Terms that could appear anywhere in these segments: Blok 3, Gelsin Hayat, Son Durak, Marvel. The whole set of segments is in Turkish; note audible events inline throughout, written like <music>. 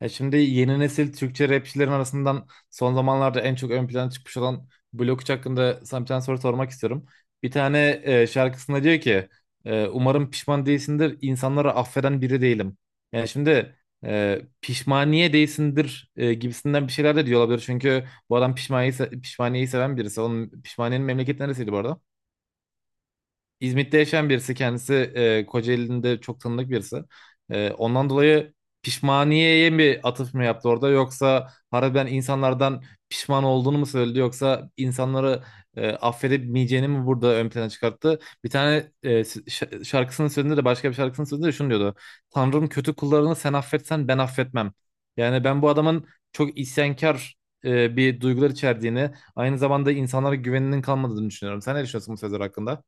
Ya şimdi yeni nesil Türkçe rapçilerin arasından son zamanlarda en çok ön plana çıkmış olan Blok 3 hakkında sana bir tane soru sormak istiyorum. Bir tane şarkısında diyor ki, umarım pişman değilsindir, insanları affeden biri değilim. Yani şimdi pişmaniye değilsindir gibisinden bir şeyler de diyor olabilir. Çünkü bu adam pişmaniyeyi seven birisi. Onun pişmaniyenin memleketi neresiydi bu arada? İzmit'te yaşayan birisi kendisi, Kocaeli'nde çok tanıdık birisi. Ondan dolayı pişmaniyeye mi atıf mı yaptı orada, yoksa harbiden insanlardan pişman olduğunu mu söyledi, yoksa insanları affedemeyeceğini mi burada ön plana çıkarttı? Bir tane şarkısının sözünde de, başka bir şarkısının sözünde de şunu diyordu. Tanrım, kötü kullarını sen affetsen ben affetmem. Yani ben bu adamın çok isyankar, bir duygular içerdiğini, aynı zamanda insanlara güveninin kalmadığını düşünüyorum. Sen ne düşünüyorsun bu sözler hakkında?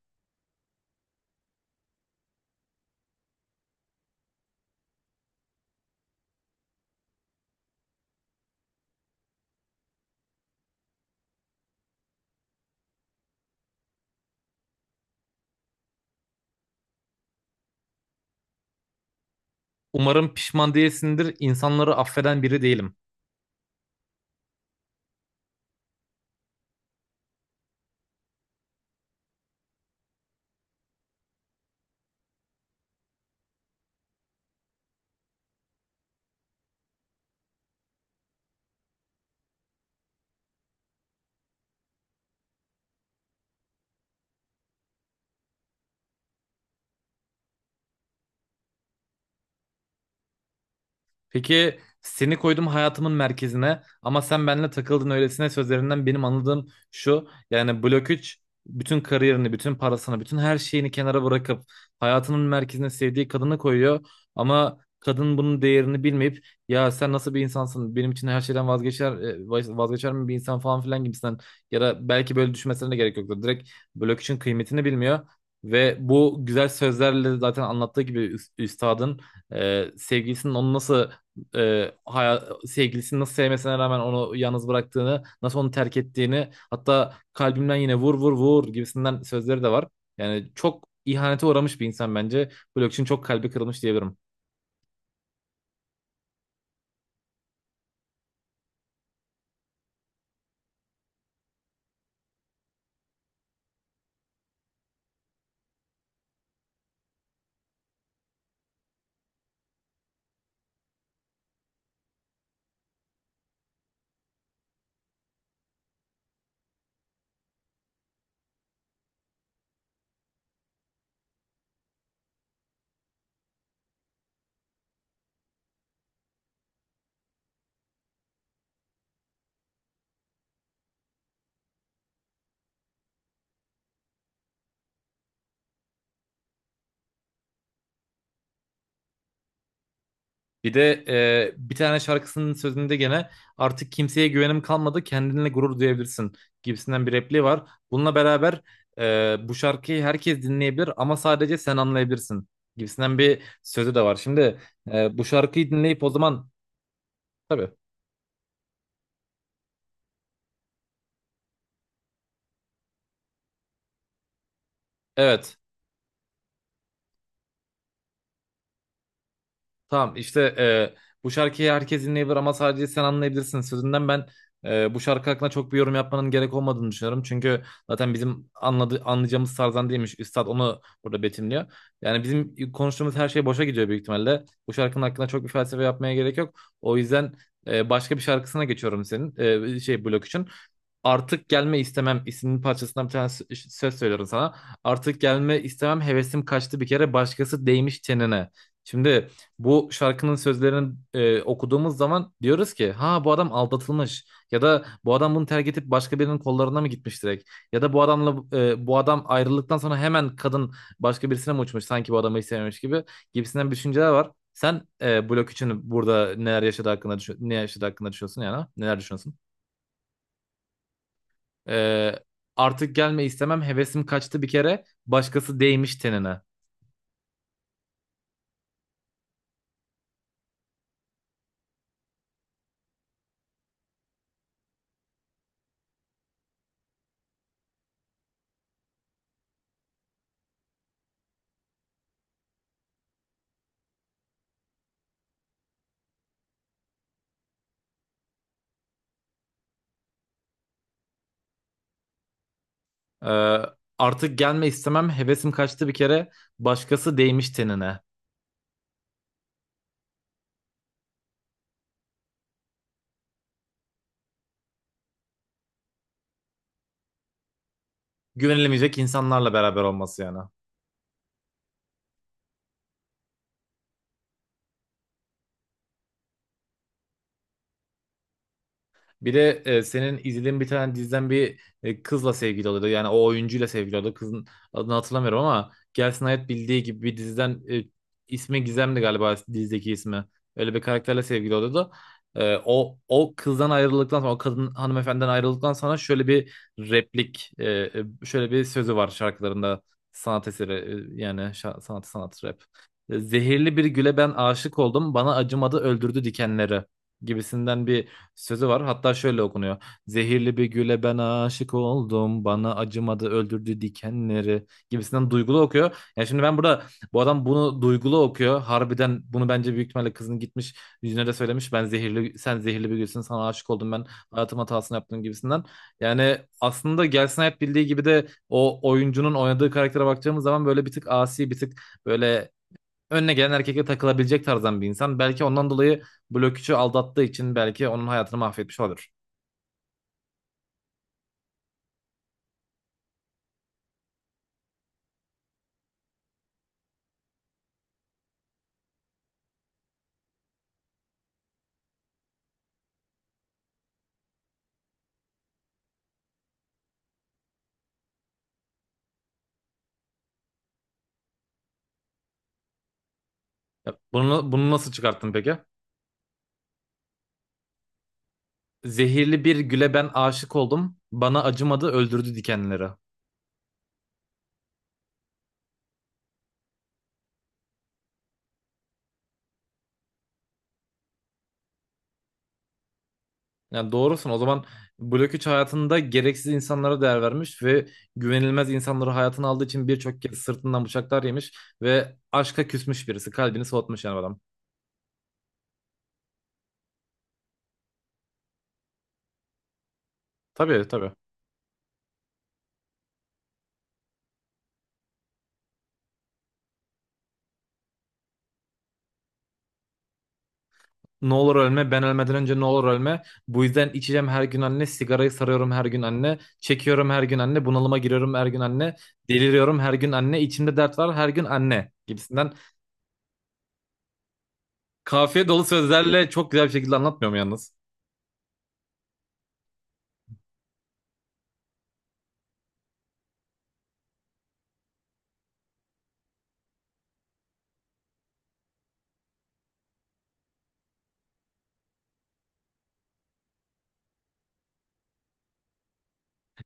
Umarım pişman değilsindir. İnsanları affeden biri değilim. Peki, seni koydum hayatımın merkezine ama sen benimle takıldın öylesine sözlerinden benim anladığım şu. Yani Blok 3 bütün kariyerini, bütün parasını, bütün her şeyini kenara bırakıp hayatının merkezine sevdiği kadını koyuyor. Ama kadın bunun değerini bilmeyip ya sen nasıl bir insansın, benim için her şeyden vazgeçer mi bir insan falan filan gibisinden, ya da belki böyle düşünmesine de gerek yoktu. Direkt Blok 3'ün kıymetini bilmiyor. Ve bu güzel sözlerle zaten anlattığı gibi üstadın, sevgilisinin onu nasıl, sevgilisini nasıl sevmesine rağmen onu yalnız bıraktığını, nasıl onu terk ettiğini, hatta kalbimden yine vur vur vur gibisinden sözleri de var. Yani çok ihanete uğramış bir insan bence. Blok için çok kalbi kırılmış diyebilirim. Bir de bir tane şarkısının sözünde gene artık kimseye güvenim kalmadı, kendinle gurur duyabilirsin gibisinden bir repliği var. Bununla beraber bu şarkıyı herkes dinleyebilir ama sadece sen anlayabilirsin gibisinden bir sözü de var. Şimdi bu şarkıyı dinleyip o zaman. Tabii. Evet. Tamam, işte bu şarkıyı herkes dinleyebilir ama sadece sen anlayabilirsin sözünden ben bu şarkı hakkında çok bir yorum yapmanın gerek olmadığını düşünüyorum. Çünkü zaten bizim anlayacağımız tarzdan değilmiş. Üstad onu burada betimliyor. Yani bizim konuştuğumuz her şey boşa gidiyor büyük ihtimalle. Bu şarkının hakkında çok bir felsefe yapmaya gerek yok. O yüzden başka bir şarkısına geçiyorum senin, şey, Blok için. Artık gelme istemem isimli parçasından bir tane söz söylüyorum sana. Artık gelme istemem, hevesim kaçtı bir kere, başkası değmiş çenene. Şimdi bu şarkının sözlerini okuduğumuz zaman diyoruz ki ha, bu adam aldatılmış, ya da bu adam bunu terk edip başka birinin kollarına mı gitmiş direkt, ya da bu adam ayrıldıktan sonra hemen kadın başka birisine mi uçmuş sanki bu adamı hiç sevmemiş gibi, gibisinden bir düşünceler var. Sen Blok için burada neler yaşadı hakkında düşün- ne yaşadı hakkında düşünüyorsun yani, ha? Neler düşünüyorsun? Ee, artık gelme istemem, hevesim kaçtı bir kere. Başkası değmiş tenine. Ee, artık gelme istemem, hevesim kaçtı bir kere. Başkası değmiş tenine. Güvenilemeyecek insanlarla beraber olması yani. Bir de senin izlediğin bir tane diziden bir kızla sevgili oluyordu. Yani o oyuncuyla sevgili oluyordu. Kızın adını hatırlamıyorum ama Gelsin Hayat Bildiği Gibi bir diziden, ismi Gizem'di galiba dizideki ismi. Öyle bir karakterle sevgili oluyordu. O kızdan ayrıldıktan sonra, o kadın hanımefendiden ayrıldıktan sonra şöyle bir replik e, e, şöyle bir sözü var şarkılarında, sanat eseri, yani sanat, sanat rap. Zehirli bir güle ben aşık oldum, bana acımadı öldürdü dikenleri gibisinden bir sözü var. Hatta şöyle okunuyor. Zehirli bir güle ben aşık oldum, bana acımadı öldürdü dikenleri gibisinden duygulu okuyor. Yani şimdi ben burada bu adam bunu duygulu okuyor. Harbiden bunu bence büyük ihtimalle kızın gitmiş yüzüne de söylemiş. Ben zehirli sen zehirli bir gülsün, sana aşık oldum ben, hayatım hatasını yaptım gibisinden. Yani aslında Gelsin Hayat Bildiği Gibi de o oyuncunun oynadığı karaktere baktığımız zaman böyle bir tık asi, bir tık böyle önüne gelen erkekle takılabilecek tarzdan bir insan. Belki ondan dolayı Blok 3'ü aldattığı için belki onun hayatını mahvetmiş olabilir. Ya bunu nasıl çıkarttın peki? Zehirli bir güle ben aşık oldum. Bana acımadı öldürdü dikenleri. Yani doğrusun, o zaman Blok 3 hayatında gereksiz insanlara değer vermiş ve güvenilmez insanları hayatına aldığı için birçok kez sırtından bıçaklar yemiş ve aşka küsmüş birisi. Kalbini soğutmuş yani adam. Tabii, tabii. Ne olur ölme, ben ölmeden önce ne olur ölme. Bu yüzden içeceğim her gün anne. Sigarayı sarıyorum her gün anne. Çekiyorum her gün anne. Bunalıma giriyorum her gün anne. Deliriyorum her gün anne. İçimde dert var her gün anne gibisinden. Kafiye dolu sözlerle çok güzel bir şekilde anlatmıyorum yalnız.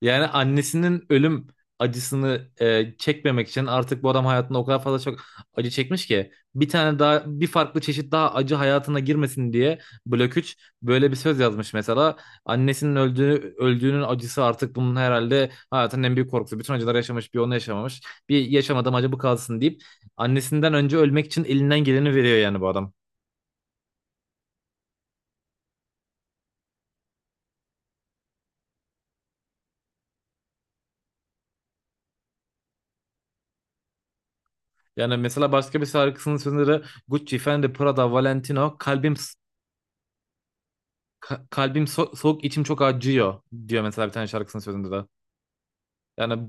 Yani annesinin ölüm acısını çekmemek için artık bu adam hayatında o kadar fazla çok acı çekmiş ki bir tane daha bir farklı çeşit daha acı hayatına girmesin diye Blok 3 böyle bir söz yazmış mesela. Annesinin öldüğünün acısı artık bunun herhalde hayatının en büyük korkusu. Bütün acılar yaşamış, bir onu yaşamamış. Bir yaşamadım acı, bu kalsın deyip annesinden önce ölmek için elinden geleni veriyor yani bu adam. Yani mesela başka bir şarkısının sözleri Gucci, Fendi, Prada, Valentino, kalbim soğuk, içim çok acıyor diyor mesela bir tane şarkısının sözünde de. Yani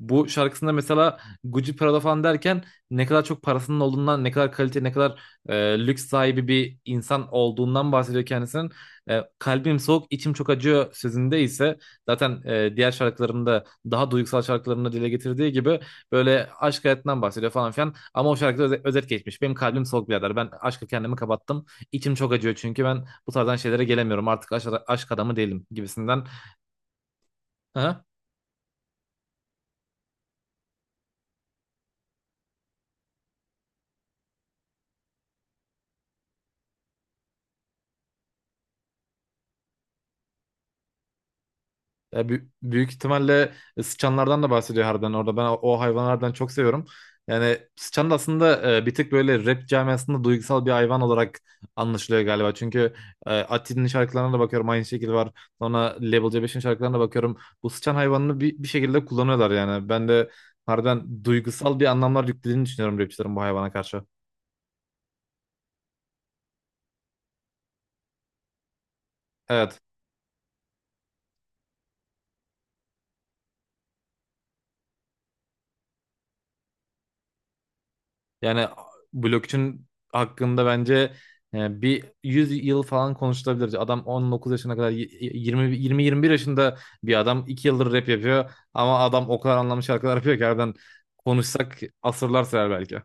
bu şarkısında mesela Gucci, Prada falan derken ne kadar çok parasının olduğundan, ne kadar kalite, ne kadar lüks sahibi bir insan olduğundan bahsediyor kendisinin. Kalbim soğuk, içim çok acıyor sözünde ise zaten, diğer şarkılarında, daha duygusal şarkılarında dile getirdiği gibi böyle aşk hayatından bahsediyor falan filan. Ama o şarkıda özet geçmiş. Benim kalbim soğuk birader. Ben aşkı, kendimi kapattım. İçim çok acıyor çünkü ben bu tarzdan şeylere gelemiyorum. Artık aşk adamı değilim gibisinden. Hı hı. Ya büyük ihtimalle sıçanlardan da bahsediyor harbiden orada. Ben o hayvanlardan çok seviyorum. Yani sıçan da aslında bir tık böyle rap camiasında duygusal bir hayvan olarak anlaşılıyor galiba. Çünkü Ati'nin şarkılarına da bakıyorum, aynı şekilde var. Sonra Level C5'in şarkılarına da bakıyorum. Bu sıçan hayvanını bir şekilde kullanıyorlar yani. Ben de harbiden duygusal bir anlamlar yüklediğini düşünüyorum rapçilerin bu hayvana karşı. Evet. Yani blockchain hakkında bence 100 yıl falan konuşulabilir. Adam 19 yaşına kadar y- y- 20 20-21 yaşında bir adam 2 yıldır rap yapıyor ama adam o kadar anlamlı şarkılar yapıyor ki harbiden konuşsak asırlar sürer belki.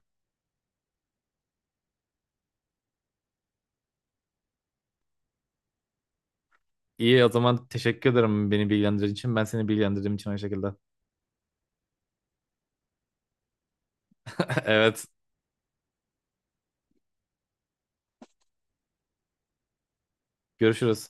İyi o zaman, teşekkür ederim beni bilgilendirdiğin için. Ben seni bilgilendirdiğim için aynı şekilde. <laughs> Evet, görüşürüz.